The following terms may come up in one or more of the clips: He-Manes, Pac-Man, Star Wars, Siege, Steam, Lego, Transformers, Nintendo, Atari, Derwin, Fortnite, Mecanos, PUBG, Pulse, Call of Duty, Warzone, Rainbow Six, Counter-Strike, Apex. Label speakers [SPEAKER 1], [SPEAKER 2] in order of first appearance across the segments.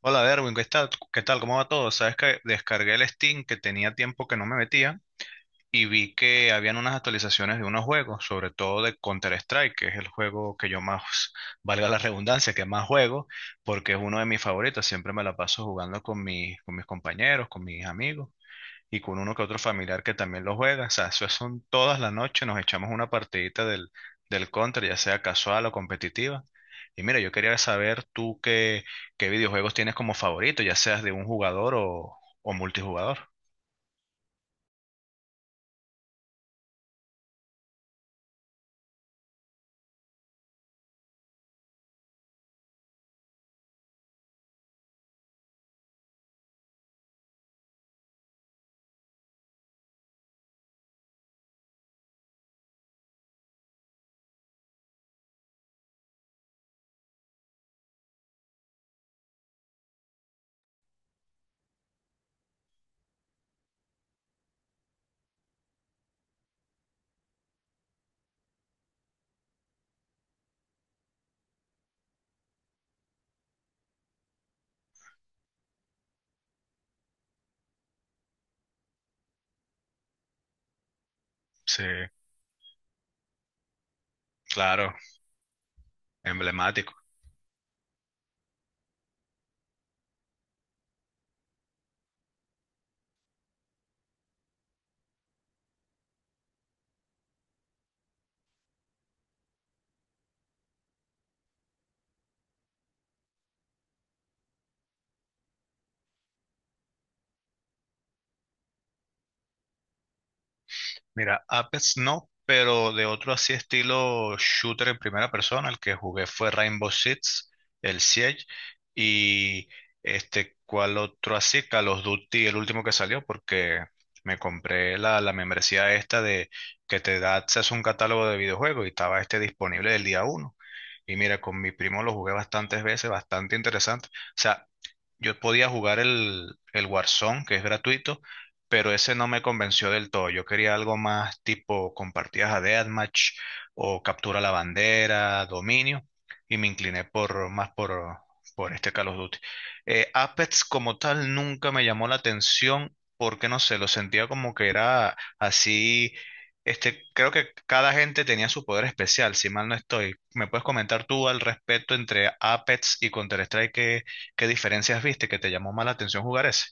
[SPEAKER 1] Hola, Derwin, ¿qué tal? ¿Qué tal? ¿Cómo va todo? Sabes que descargué el Steam que tenía tiempo que no me metía y vi que habían unas actualizaciones de unos juegos, sobre todo de Counter-Strike, que es el juego que yo más, valga la redundancia, que más juego, porque es uno de mis favoritos. Siempre me la paso jugando con mis, compañeros, con mis amigos y con uno que otro familiar que también lo juega. O sea, eso son todas las noches, nos echamos una partidita del, Counter, ya sea casual o competitiva. Y mira, yo quería saber tú qué, videojuegos tienes como favorito, ya seas de un jugador o, multijugador. Sí, claro, emblemático. Mira, Apex no, pero de otro así estilo shooter en primera persona, el que jugué fue Rainbow Six, el Siege, y este, ¿cuál otro así? Call of Duty, el último que salió, porque me compré la, membresía esta de que te da acceso a un catálogo de videojuegos y estaba este disponible el día uno. Y mira, con mi primo lo jugué bastantes veces, bastante interesante. O sea, yo podía jugar el, Warzone, que es gratuito, pero ese no me convenció del todo. Yo quería algo más tipo compartidas a Deathmatch o captura la bandera, dominio, y me incliné por más por este Call of Duty. Apex como tal nunca me llamó la atención porque no sé, lo sentía como que era así. Este, creo que cada gente tenía su poder especial, si mal no estoy. ¿Me puedes comentar tú al respecto entre Apex y Counter-Strike? ¿Qué diferencias viste que te llamó más la atención jugar ese?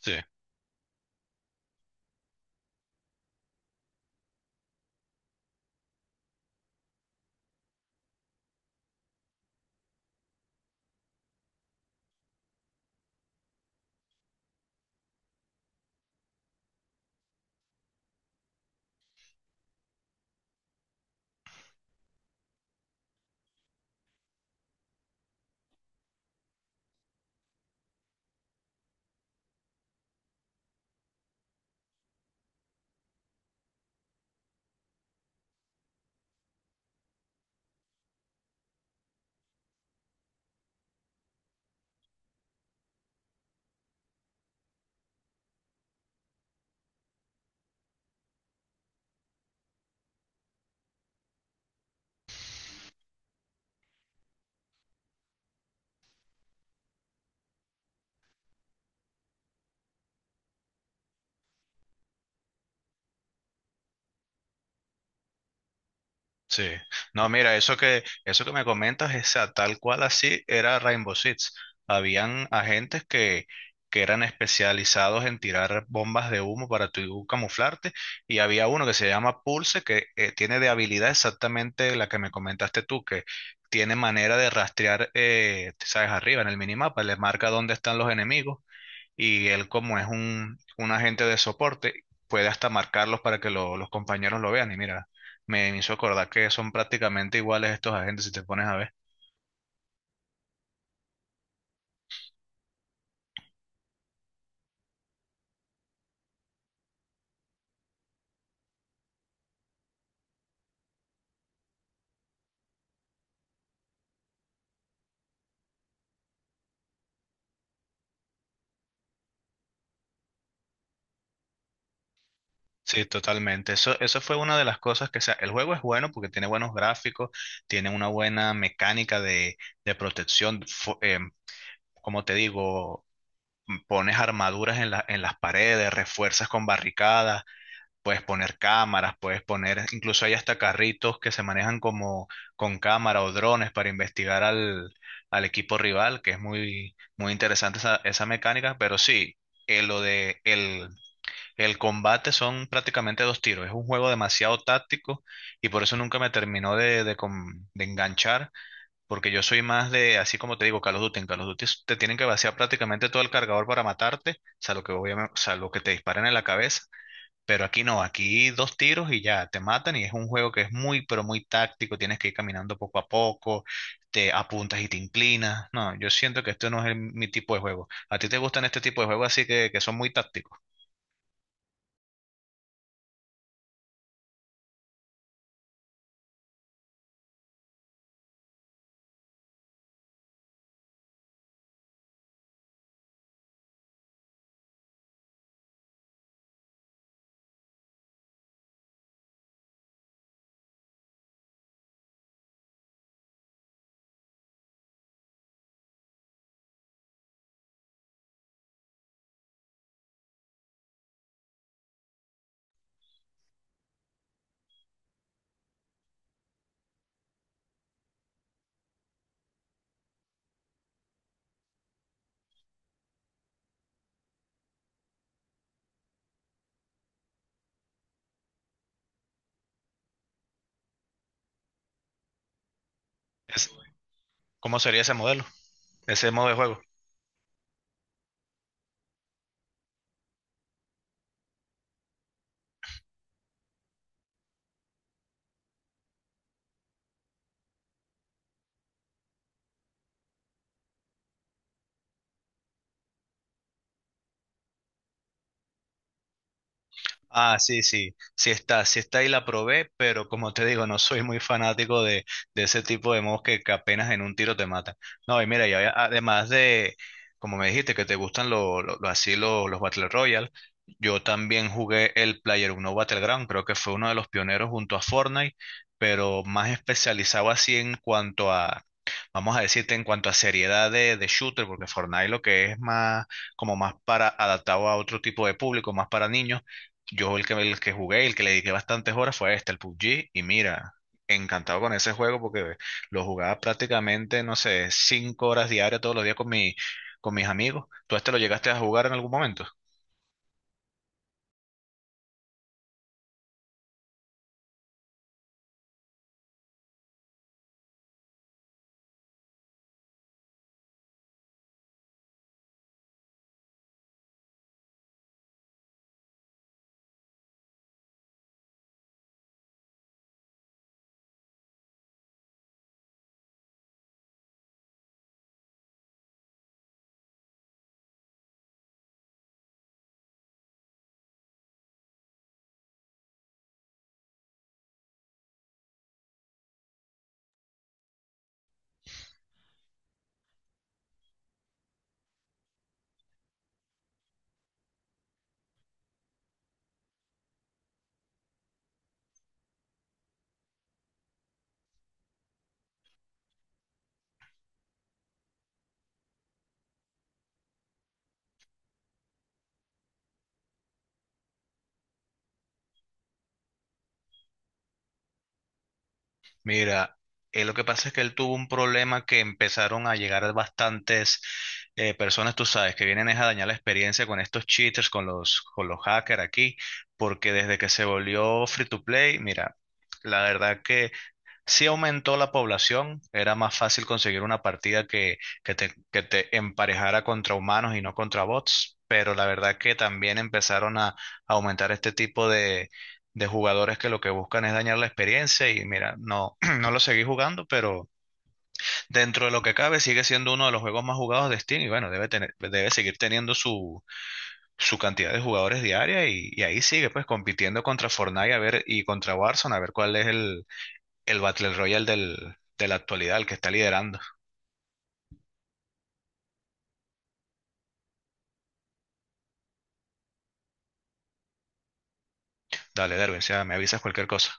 [SPEAKER 1] Sí, sí. No, mira, eso que me comentas, esa tal cual así era Rainbow Six. Habían agentes que, eran especializados en tirar bombas de humo para tu camuflarte, y había uno que se llama Pulse, que tiene de habilidad exactamente la que me comentaste tú, que tiene manera de rastrear, sabes, arriba en el minimapa, le marca dónde están los enemigos y él como es un, agente de soporte, puede hasta marcarlos para que los compañeros lo vean. Y mira, me hizo acordar que son prácticamente iguales estos agentes si te pones a ver. Sí, totalmente. Eso fue una de las cosas que, o sea, el juego es bueno porque tiene buenos gráficos, tiene una buena mecánica de, protección. Como te digo, pones armaduras en en las paredes, refuerzas con barricadas. Puedes poner cámaras, puedes poner, incluso hay hasta carritos que se manejan como con cámara o drones para investigar al, equipo rival, que es muy, muy interesante esa, mecánica, pero sí, lo de el, combate son prácticamente dos tiros, es un juego demasiado táctico y por eso nunca me terminó de enganchar, porque yo soy más de, así como te digo, Call of Duty. En Call of Duty te tienen que vaciar prácticamente todo el cargador para matarte, salvo que, obviamente, salvo que te disparen en la cabeza, pero aquí no, aquí dos tiros y ya te matan y es un juego que es muy, pero muy táctico. Tienes que ir caminando poco a poco, te apuntas y te inclinas. No, yo siento que esto no es el- mi tipo de juego. ¿A ti te gustan este tipo de juegos así que son muy tácticos? Es- ¿cómo sería ese modelo, ese modo de juego? Ah, sí, sí, sí está y la probé, pero como te digo, no soy muy fanático de, ese tipo de modos que, apenas en un tiro te matan. No, y mira, y además de, como me dijiste, que te gustan así los Battle Royale, yo también jugué el Player Uno Battleground, creo que fue uno de los pioneros junto a Fortnite, pero más especializado así vamos a decirte, en cuanto a seriedad de, shooter, porque Fortnite lo que es más, como más para adaptado a otro tipo de público, más para niños. Yo el que jugué, el que le dediqué bastantes horas fue este, el PUBG, y mira, encantado con ese juego porque lo jugaba prácticamente, no sé, 5 horas diarias todos los días con mi, con mis amigos. ¿Tú este lo llegaste a jugar en algún momento? Mira, lo que pasa es que él tuvo un problema que empezaron a llegar bastantes personas, tú sabes, que vienen es a dañar la experiencia con estos cheaters, con los, hackers aquí, porque desde que se volvió free to play, mira, la verdad que sí aumentó la población, era más fácil conseguir una partida que te emparejara contra humanos y no contra bots, pero la verdad que también empezaron a aumentar este tipo de, jugadores que lo que buscan es dañar la experiencia y mira, no, no lo seguí jugando, pero dentro de lo que cabe sigue siendo uno de los juegos más jugados de Steam y bueno, debe tener, debe seguir teniendo su, cantidad de jugadores diaria y ahí sigue pues compitiendo contra Fortnite a ver, y contra Warzone a ver cuál es el, Battle Royale del, de la actualidad, el que está liderando. Dale, Derwin, o sea, me avisas cualquier cosa.